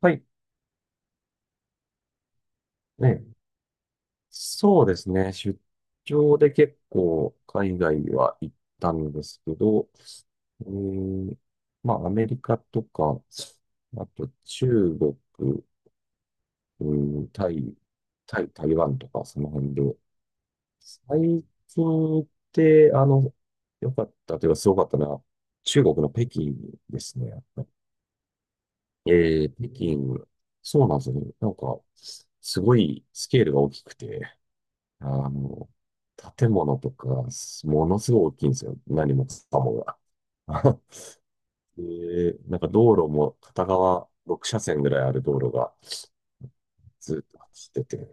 はい。ね、そうですね。出張で結構海外には行ったんですけど、うーん、まあアメリカとか、あと中国、うーん、タイ、タイ、台湾とかその辺で、最近行って良かったというかすごかったのは、中国の北京ですね。え北京、そうなんですよね。なんか、すごいスケールが大きくて、あの、建物とか、ものすごい大きいんですよ。何もかもが。で、なんか道路も片側6車線ぐらいある道路がずっと走ってて、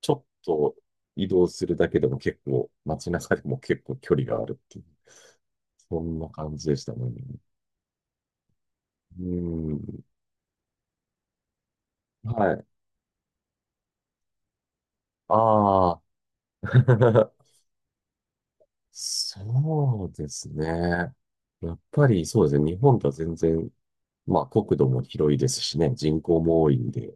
ちょっと移動するだけでも結構、街中でも結構距離があるっていう、そんな感じでしたね。うん。はい。ああ。そうですね。やっぱりそうですね。日本とは全然、まあ、国土も広いですしね、人口も多いんで、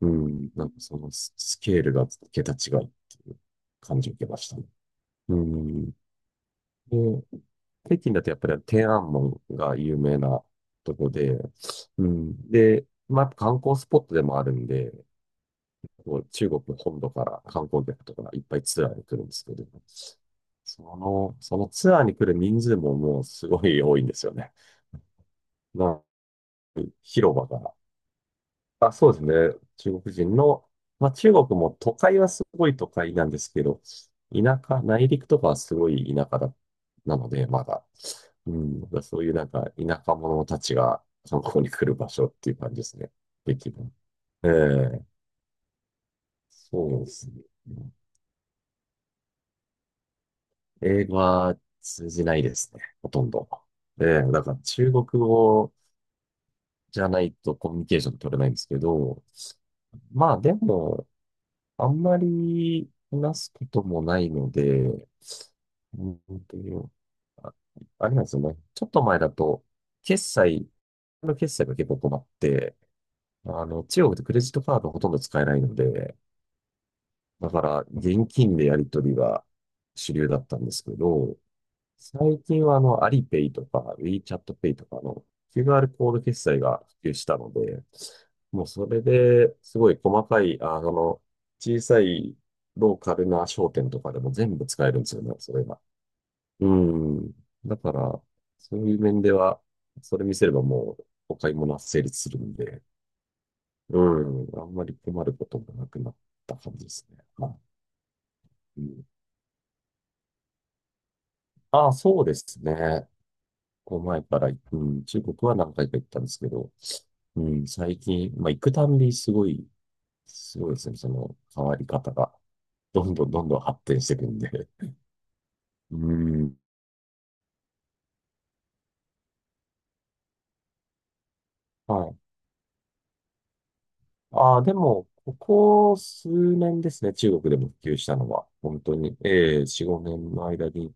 うん、なんかそのスケールが桁違いっていう感じを受けましたね。うん。で、北京だとやっぱり天安門が有名なとこで、うん。で、まあ、やっぱ観光スポットでもあるんで、こう中国本土から観光客とかがいっぱいツアーに来るんですけど、そのツアーに来る人数ももうすごい多いんですよね。な広場が、あ、そうですね。中国人の、まあ中国も都会はすごい都会なんですけど、田舎、内陸とかはすごい田舎だ、なので、まだ。うん、だからそういうなんか田舎者たちが観光に来る場所っていう感じですね。駅も、ええ、そうですね。英語は通じないですね。ほとんど。ええ、だから中国語じゃないとコミュニケーション取れないんですけど、まあでも、あんまり話すこともないので、うんと、あ、あれなんですよね。ちょっと前だと、決済、の決済が結構困って、中国でクレジットカードほとんど使えないので、だから現金でやり取りが主流だったんですけど、最近はアリペイとか、ウィーチャットペイとかの QR コード決済が普及したので、もうそれですごい細かい、小さいローカルな商店とかでも全部使えるんですよね、それが。うん。だから、そういう面では、それ見せればもうお買い物は成立するんで、うん。あんまり困ることもなくなった感じですね。はい。うん。ああ、そうですね。こう前から、うん、中国は何回か行ったんですけど、うん、最近、まあ、行くたんびすごい、すごいですね。その変わり方が、どんどんどんどん発展していくんで。うん。はい。ああ、でも、ここ数年ですね、中国でも普及したのは、本当に、ええ、4、5年の間に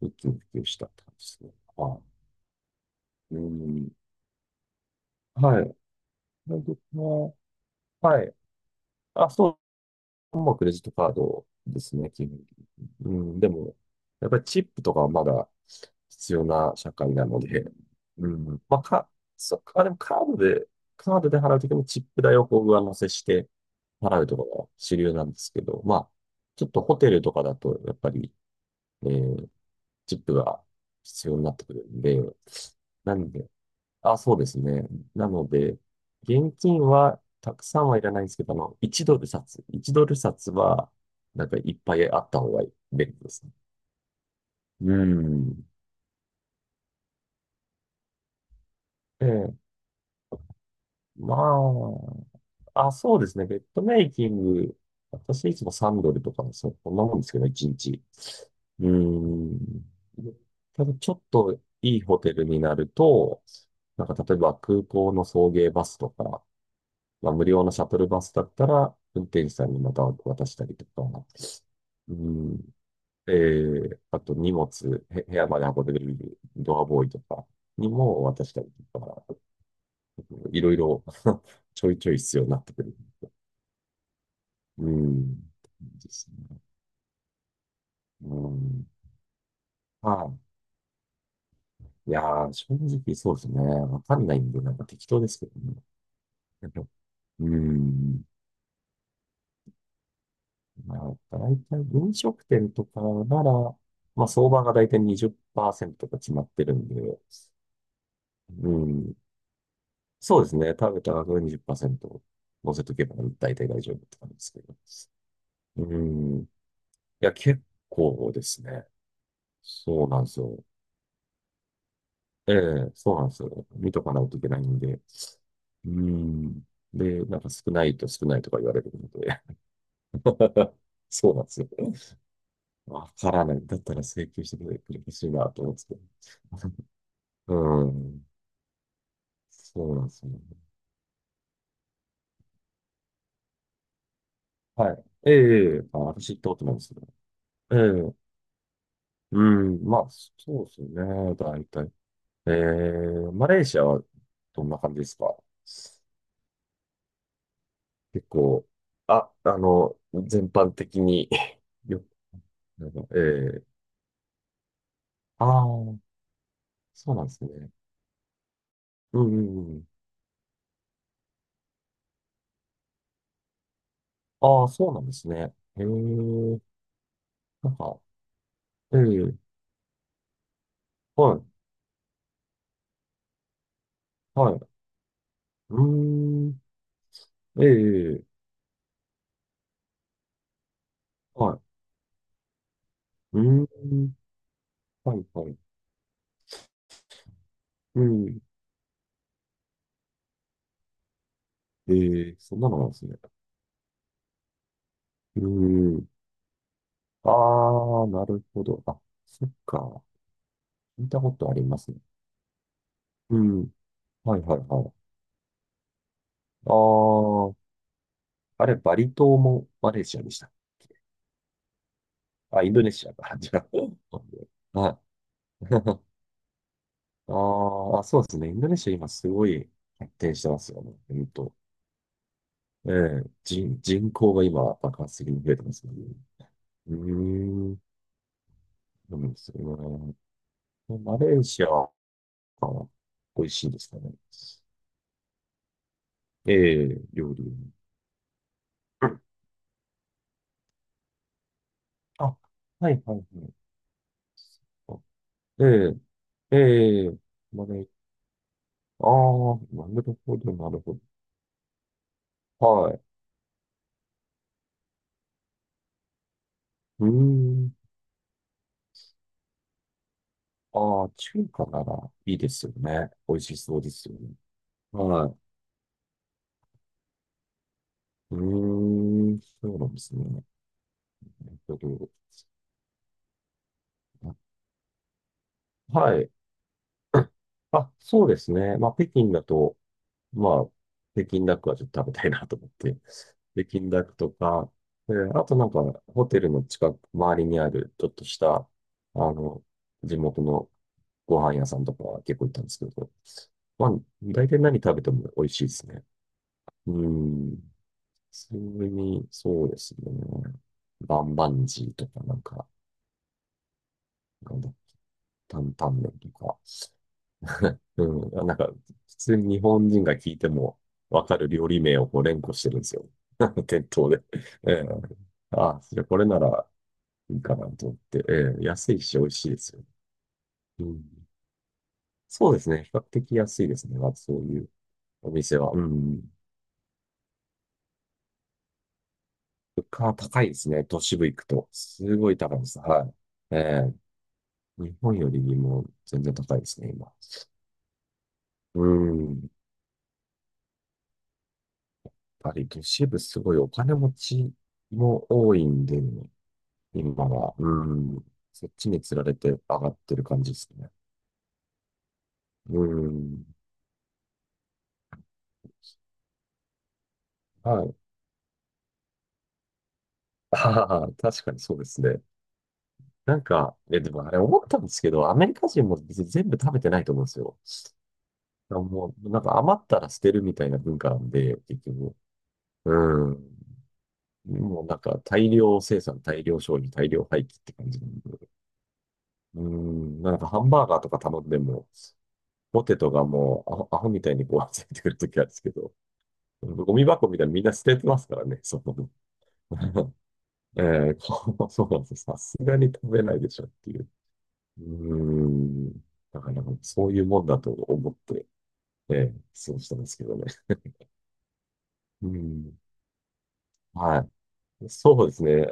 一気に普及したって感じですね。はい。うん。はい。で、僕は、はい、あ、そう、もうクレジットカードですね、基本。うん、でも、やっぱりチップとかはまだ必要な社会なので、うん、まあ、か、そ、あ、でも、カードで払うときもチップ代をこう上乗せして払うとかが主流なんですけど、まあ、ちょっとホテルとかだと、やっぱり、えーチップが必要になってくるんで、なんで、あ、そうですね。なので、現金はたくさんはいらないんですけど、1ドル札、1ドル札は、なんかいっぱいあった方が便利ですね。うん。ええ、まあ、あ、そうですね。ベッドメイキング、私いつもンドルとかの、そこんなもんですけど、1日。うーん。ただちょっといいホテルになると、なんか例えば空港の送迎バスとか、まあ、無料のシャトルバスだったら、運転手さんにまた渡したりとか、うん、あと荷物、へ部屋まで運んでくれるドアボーイとかにも渡したりとか、いろいろ ちょいちょい必要になってくる。うん。ですね。うん。はい。いやー、正直そうですね。わかんないんで、なんか適当ですけどね。やっぱ、うん。まあ、大体飲食店とかなら、まあ、相場が大体20%トが決まってるんで、うん。そうですね。食べた額の20%乗せとけば大体大丈夫って感じですけど。うん。いや、結構ですね。そうなんですよ。ええ、そうなんですよ。見とかないといけないんで。うん。で、なんか少ないと少ないとか言われるので。そうなんですよ。わからない。だったら請求してくれてほしいなと思うんですけど。うん。そうなんですよね。はい。ええ、ええ、あ、私行ったことないですね。ええ、うん。まあ、そうですよね。大体。ええ、マレーシアはどんな感じですか？結構、あ、全般的に よ、なんか、ええ、ああ、そうなんですね。うんうんうん。ああ、そうなんですね。へえ、なんか、ええ、はい、はい。うーん、ええ、はい。うーん、はい、はい。うん、ええ、そんなのなんですね。うーん、ああ、なるほど。あ、そっか。聞いたことありますね。うん、はい、はい、はい。ああ、あれ、バリ島もマレーシアでした。あ、インドネシアか。じゃあ。はい。あーあ、そうですね。インドネシア今すごい発展してますよね。うんと。ええ、人口が今爆発的に増えてますよね。うーん。そうなんですよね。マレーシアは美味しいんですかね。ええ、料理。うん。あ、はいはいはい。あ、ええ、ええ、マレー、ああ、なるほど、なるほど。はい。うーん。ああ、中華ならいいですよね。美味しそうですよね。はい。うーん、そうなんですね。えっと、はい。あ、そうですね。まあ、北京だと、まあ、北京ダックはちょっと食べたいなと思って、北京ダックとか、あとなんか、ホテルの近く、周りにある、ちょっとした、の、地元のご飯屋さんとかは結構行ったんですけど、まあ、大体何食べても美味しいですね。うーん、それに、そうですね。バンバンジーとか、なんか、なんだ、担々麺とか。うん。あ、なんか、普通に日本人が聞いてもわかる料理名をこう連呼してるんですよ。店頭で。ええ、あ、それこれならいいかなと思って。ええ、安いし美味しいですよ。うん。そうですね。比較的安いですね。まずそういうお店は。うん。物価は高いですね。都市部行くと。すごい高いです。はい。ええ、日本よりも全然高いですね、今。うん。ぱり都市部すごいお金持ちも多いんで、今は。うん。そっちに釣られて上がってる感じですね。うん。はい。ああ、確かにそうですね。なんか、え、でもあれ思ったんですけど、アメリカ人も別に全部食べてないと思うんですよ。あもう、なんか余ったら捨てるみたいな文化なんで、結局。うん。もうなんか大量生産、大量消費、大量廃棄って感じなんで。うん。なんかハンバーガーとか頼んでも、ポテトがもうアホみたいにこう、ついてくるときあるんですけど、ゴミ箱みたいにみんな捨ててますからね、その、えーこう、そうなんです。さすがに食べないでしょっていう。うーん。だからなんかそういうもんだと思って、そうしたんですけどね。うん。はい。そうですね。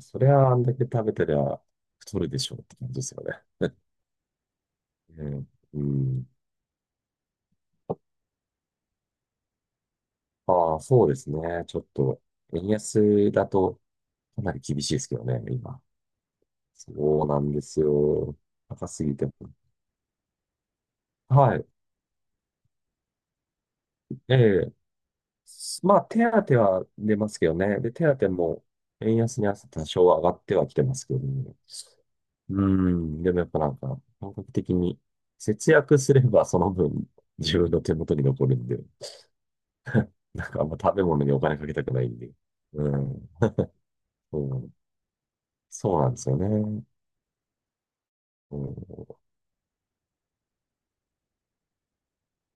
そりゃあんだけ食べてりゃ太るでしょうって感じですよね。うん。うん。ああ、そうですね。ちょっと、円安だとかなり厳しいですけどね、今。そうなんですよ。高すぎても。はい。ええ。まあ、手当は出ますけどね。で、手当も円安に合わせて多少上がってはきてますけどね。うん。でもやっぱなんか、感覚的に節約すればその分自分の手元に残るんで、なんかあんま食べ物にお金かけたくないんで。うん。そうん、そうなんですよね。う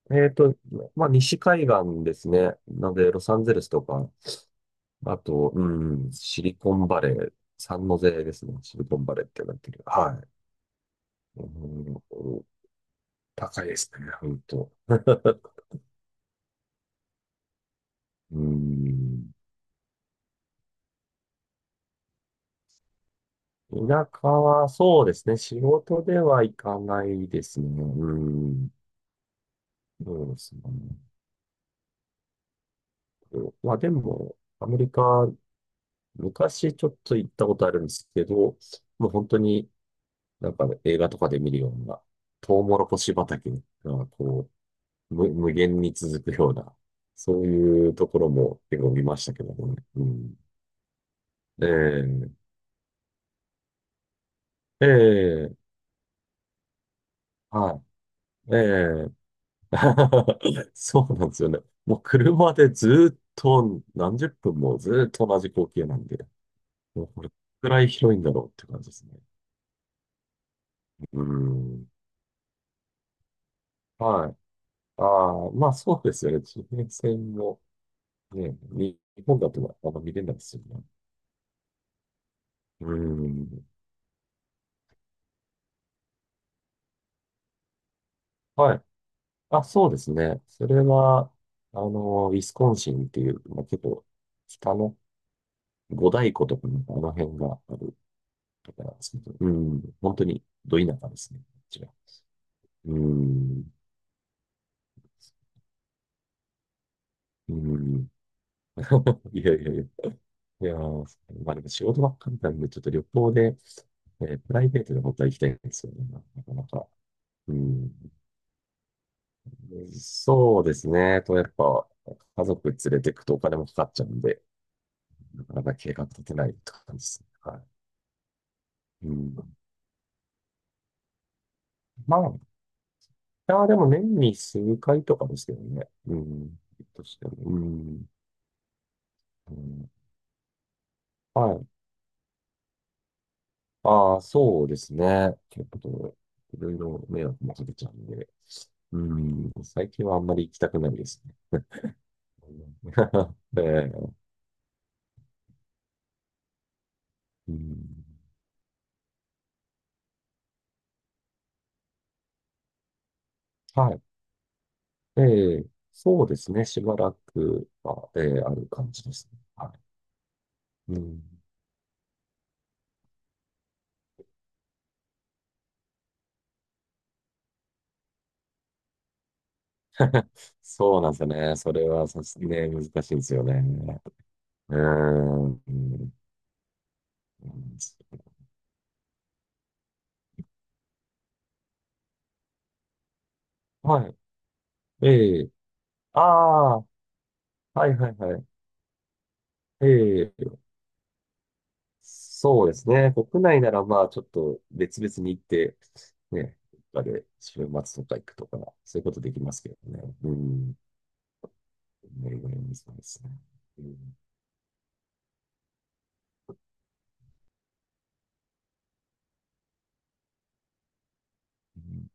ん、まあ、西海岸ですね。なので、ロサンゼルスとか、あと、うん、シリコンバレー、三ノ瀬ですね。シリコンバレーってなってる。はい。うん、高いですね、本当。うん。田舎はそうですね。仕事では行かないですね。うん。そうですね。まあでも、アメリカ、昔ちょっと行ったことあるんですけど、もう本当になんか映画とかで見るような、トウモロコシ畑が無限に続くような、そういうところも結構見ましたけどもね。うん。ええ、ええ、はい。ええ、そうなんですよね。もう車でずっと何十分もずっと同じ光景なんで、もうこれくらい広いんだろうって感じですね。うん。はい。ああ、まあそうですよね。地平線もね、日本だとはあんま見れないですよね。うん。はい。あ、そうですね。それは、あの、ウィスコンシンっていう、まあ、結構、北の五大湖とかのあの辺があるところなんですけど、うん、本当にど田舎ですね、こちら。うん、うん。いやいやいや、いやー、まあ、でも仕事ばっかりなんで、ちょっと旅行で、プライベートで本当は行きたいんですよね、なかなか。うん、そうですね。やっぱ、家族連れてくとお金もかかっちゃうんで、なかなか計画立てないって感じですね。はい。うん。まあ、いや、でも年に数回とかですけどね。うん。としても。うん。うん、はい。ああ、そうですね。結構、いろいろ迷惑もかけちゃうんで。うん。最近はあんまり行きたくないですね。うん。 ええ。うん。はい。ええ、そうですね。しばらくは、ある感じですね。はい。うん。そうなんですよね。それはさすね、難しいんですよね。うーん。うん。はい。ええ。ああ、はいはいはい。ええ。そうですね。国内ならまあちょっと別々に行って、ね、どっかで週末とか行くとか、そういうことできますけどね。うん。ね、羨ましいですね。うん。うん。